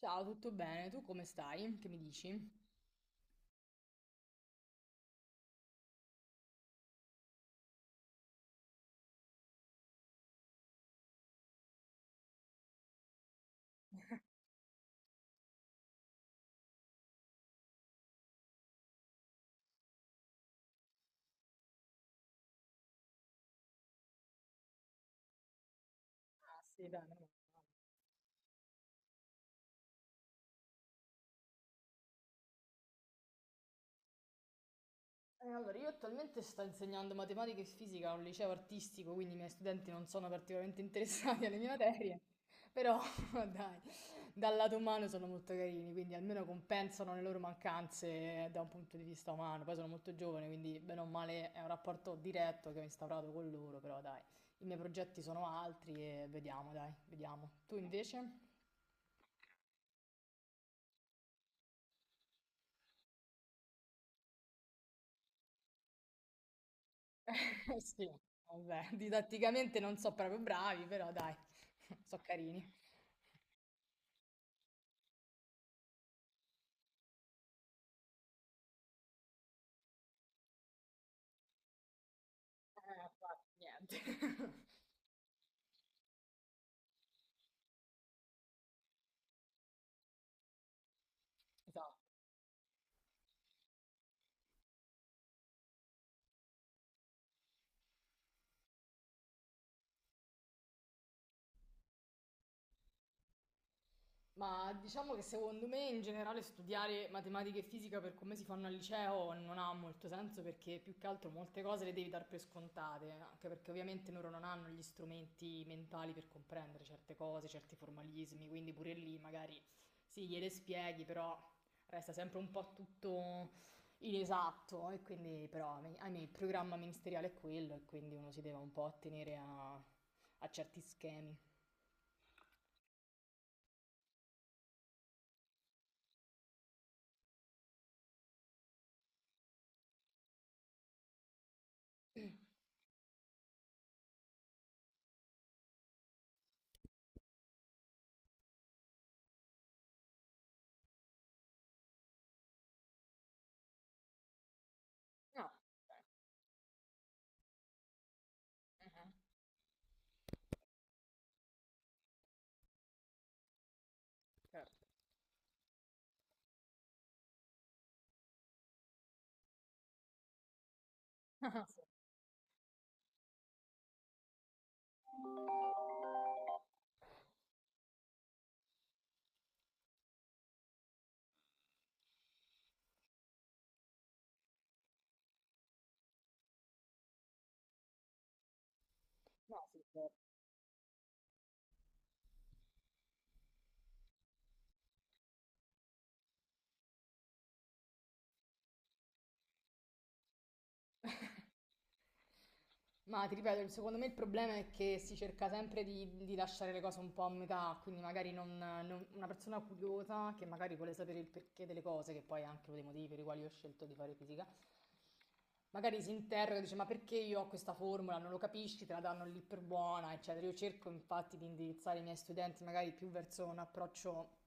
Ciao, tutto bene? Tu come stai? Che mi dici? Ah, sì, bene. Meno male. Allora, io attualmente sto insegnando matematica e fisica a un liceo artistico, quindi i miei studenti non sono particolarmente interessati alle mie materie, però dai, dal lato umano sono molto carini, quindi almeno compensano le loro mancanze da un punto di vista umano. Poi sono molto giovane, quindi bene o male è un rapporto diretto che ho instaurato con loro, però dai, i miei progetti sono altri e vediamo, dai, vediamo. Tu invece? Sì, vabbè, didatticamente non so proprio bravi, però dai, so carini. Infatti, niente. Esatto. Ma diciamo che secondo me in generale studiare matematica e fisica per come si fanno al liceo non ha molto senso perché più che altro molte cose le devi dar per scontate, anche perché ovviamente loro non hanno gli strumenti mentali per comprendere certe cose, certi formalismi, quindi pure lì magari sì, gliele spieghi, però resta sempre un po' tutto inesatto e quindi però ahimè, il programma ministeriale è quello e quindi uno si deve un po' attenere a certi schemi. No. Ok. Mhm. Certo. No, sì, certo. Ma ti ripeto, secondo me il problema è che si cerca sempre di lasciare le cose un po' a metà, quindi magari una persona curiosa che magari vuole sapere il perché delle cose, che poi è anche uno dei motivi per i quali ho scelto di fare fisica. Magari si interroga e dice: "Ma perché io ho questa formula?" Non lo capisci, te la danno lì per buona, eccetera. Io cerco infatti di indirizzare i miei studenti magari più verso un approccio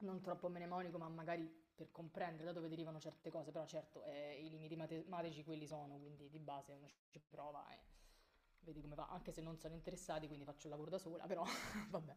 non troppo mnemonico, ma magari per comprendere da dove derivano certe cose. Però certo, i limiti matematici quelli sono, quindi di base uno ci prova e vedi come va. Anche se non sono interessati, quindi faccio il lavoro da sola, però vabbè.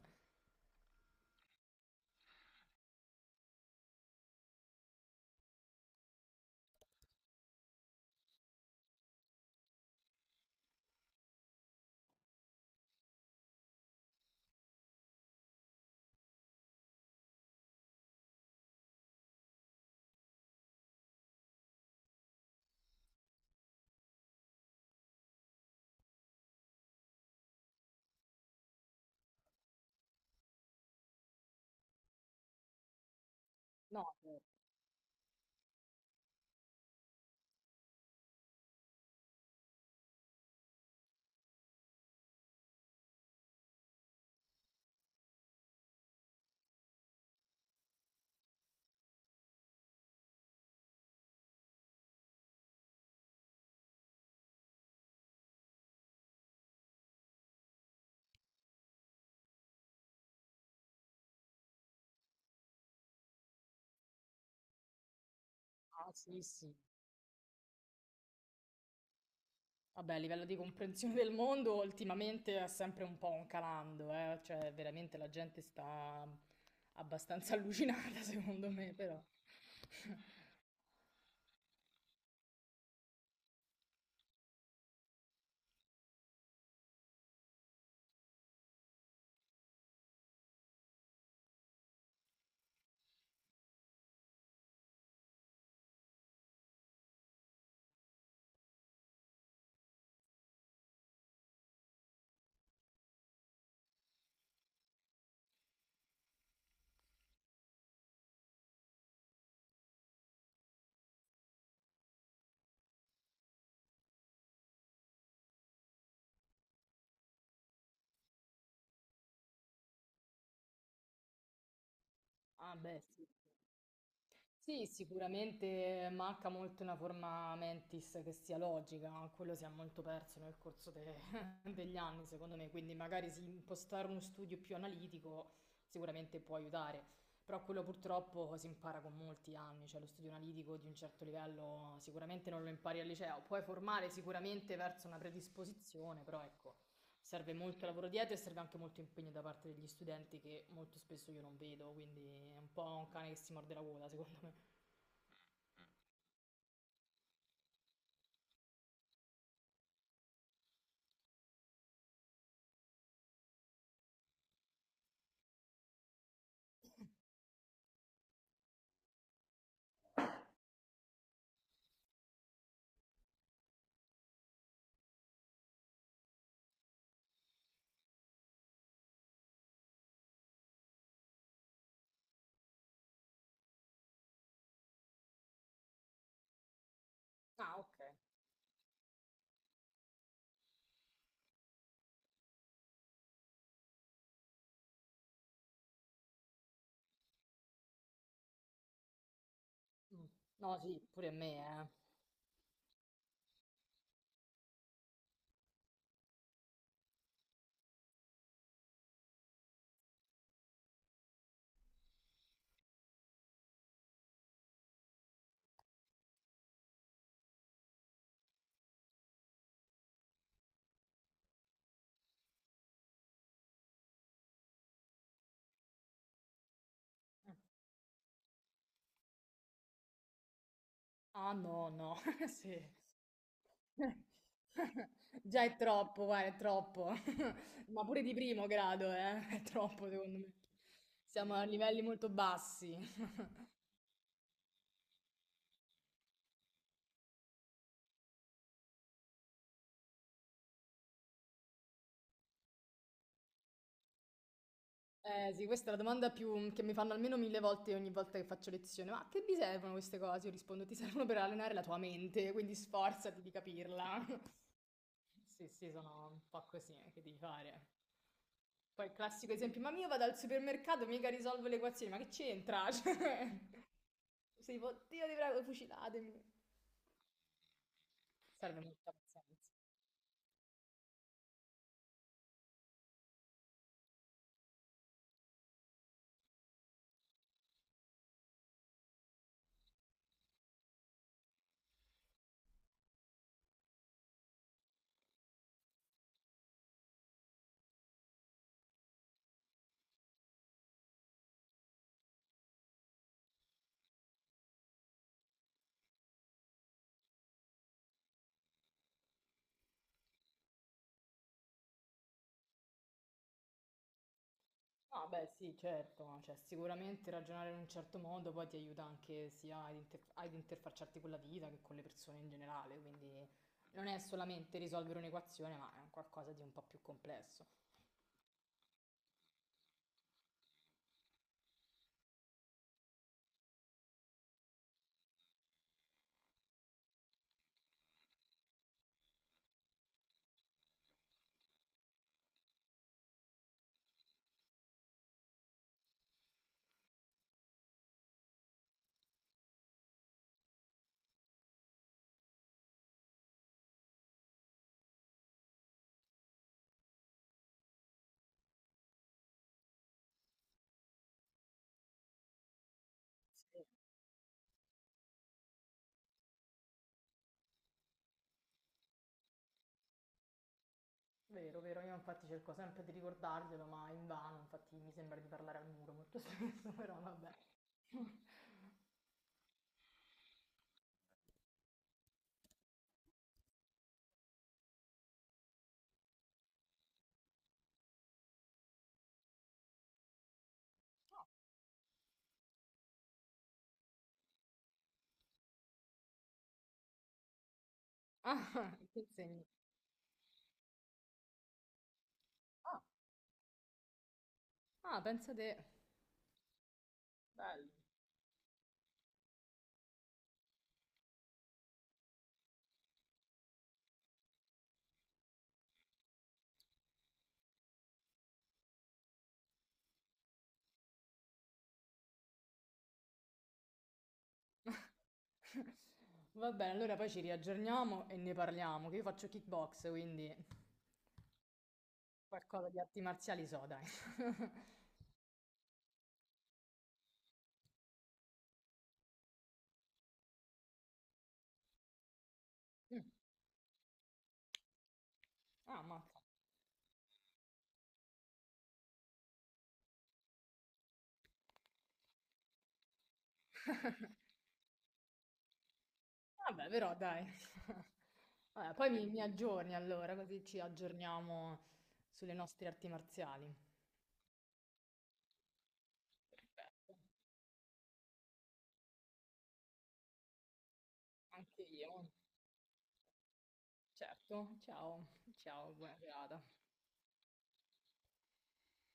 No, ah sì, sì. Vabbè, a livello di comprensione del mondo, ultimamente è sempre un po' un calando, eh? Cioè, veramente la gente sta abbastanza allucinata, secondo me, però. Ah, beh, sì. Sì, sicuramente manca molto una forma mentis che sia logica, quello si è molto perso nel corso degli anni, secondo me, quindi magari sì, impostare uno studio più analitico sicuramente può aiutare, però quello purtroppo si impara con molti anni, cioè lo studio analitico di un certo livello sicuramente non lo impari al liceo, puoi formare sicuramente verso una predisposizione, però ecco, serve molto lavoro dietro e serve anche molto impegno da parte degli studenti che molto spesso io non vedo, quindi è un po' un cane che si morde la coda, secondo me. Ah, okay. Mh. No, sì, pure a me, eh. Ah, no, no, sì. Già è troppo, guarda, è troppo. Ma pure di primo grado, è troppo secondo me. Siamo a livelli molto bassi. Sì, questa è la domanda più che mi fanno almeno 1000 volte ogni volta che faccio lezione. "Ma a che vi servono queste cose?" Io rispondo: "Ti servono per allenare la tua mente, quindi sforzati di capirla." Sì, sì, sono un po' così, che devi fare? Poi il classico esempio, ma io vado al supermercato, mica risolvo le equazioni, ma che c'entra? Cioè, sei tipo, Dio ti prego, fucilatemi. Serve molta pazienza. No, beh, sì, certo, no, cioè, sicuramente ragionare in un certo modo poi ti aiuta anche sia ad interfacciarti con la vita che con le persone in generale, quindi non è solamente risolvere un'equazione, ma è un qualcosa di un po' più complesso. Vero, vero, io infatti cerco sempre di ricordarglielo, ma invano, infatti mi sembra di parlare al muro molto spesso, però vabbè. Ah, che segni. Ah, ah, pensa te. Bello. Va bene, allora poi ci riaggiorniamo e ne parliamo, che io faccio kickbox, quindi qualcosa di arti marziali so, dai. Mm. Ah, mazza. Vabbè, però dai. Vabbè, poi mi aggiorni allora, così ci aggiorniamo sulle nostre arti marziali. Perfetto, anche io. Certo, ciao, ciao, buona serata.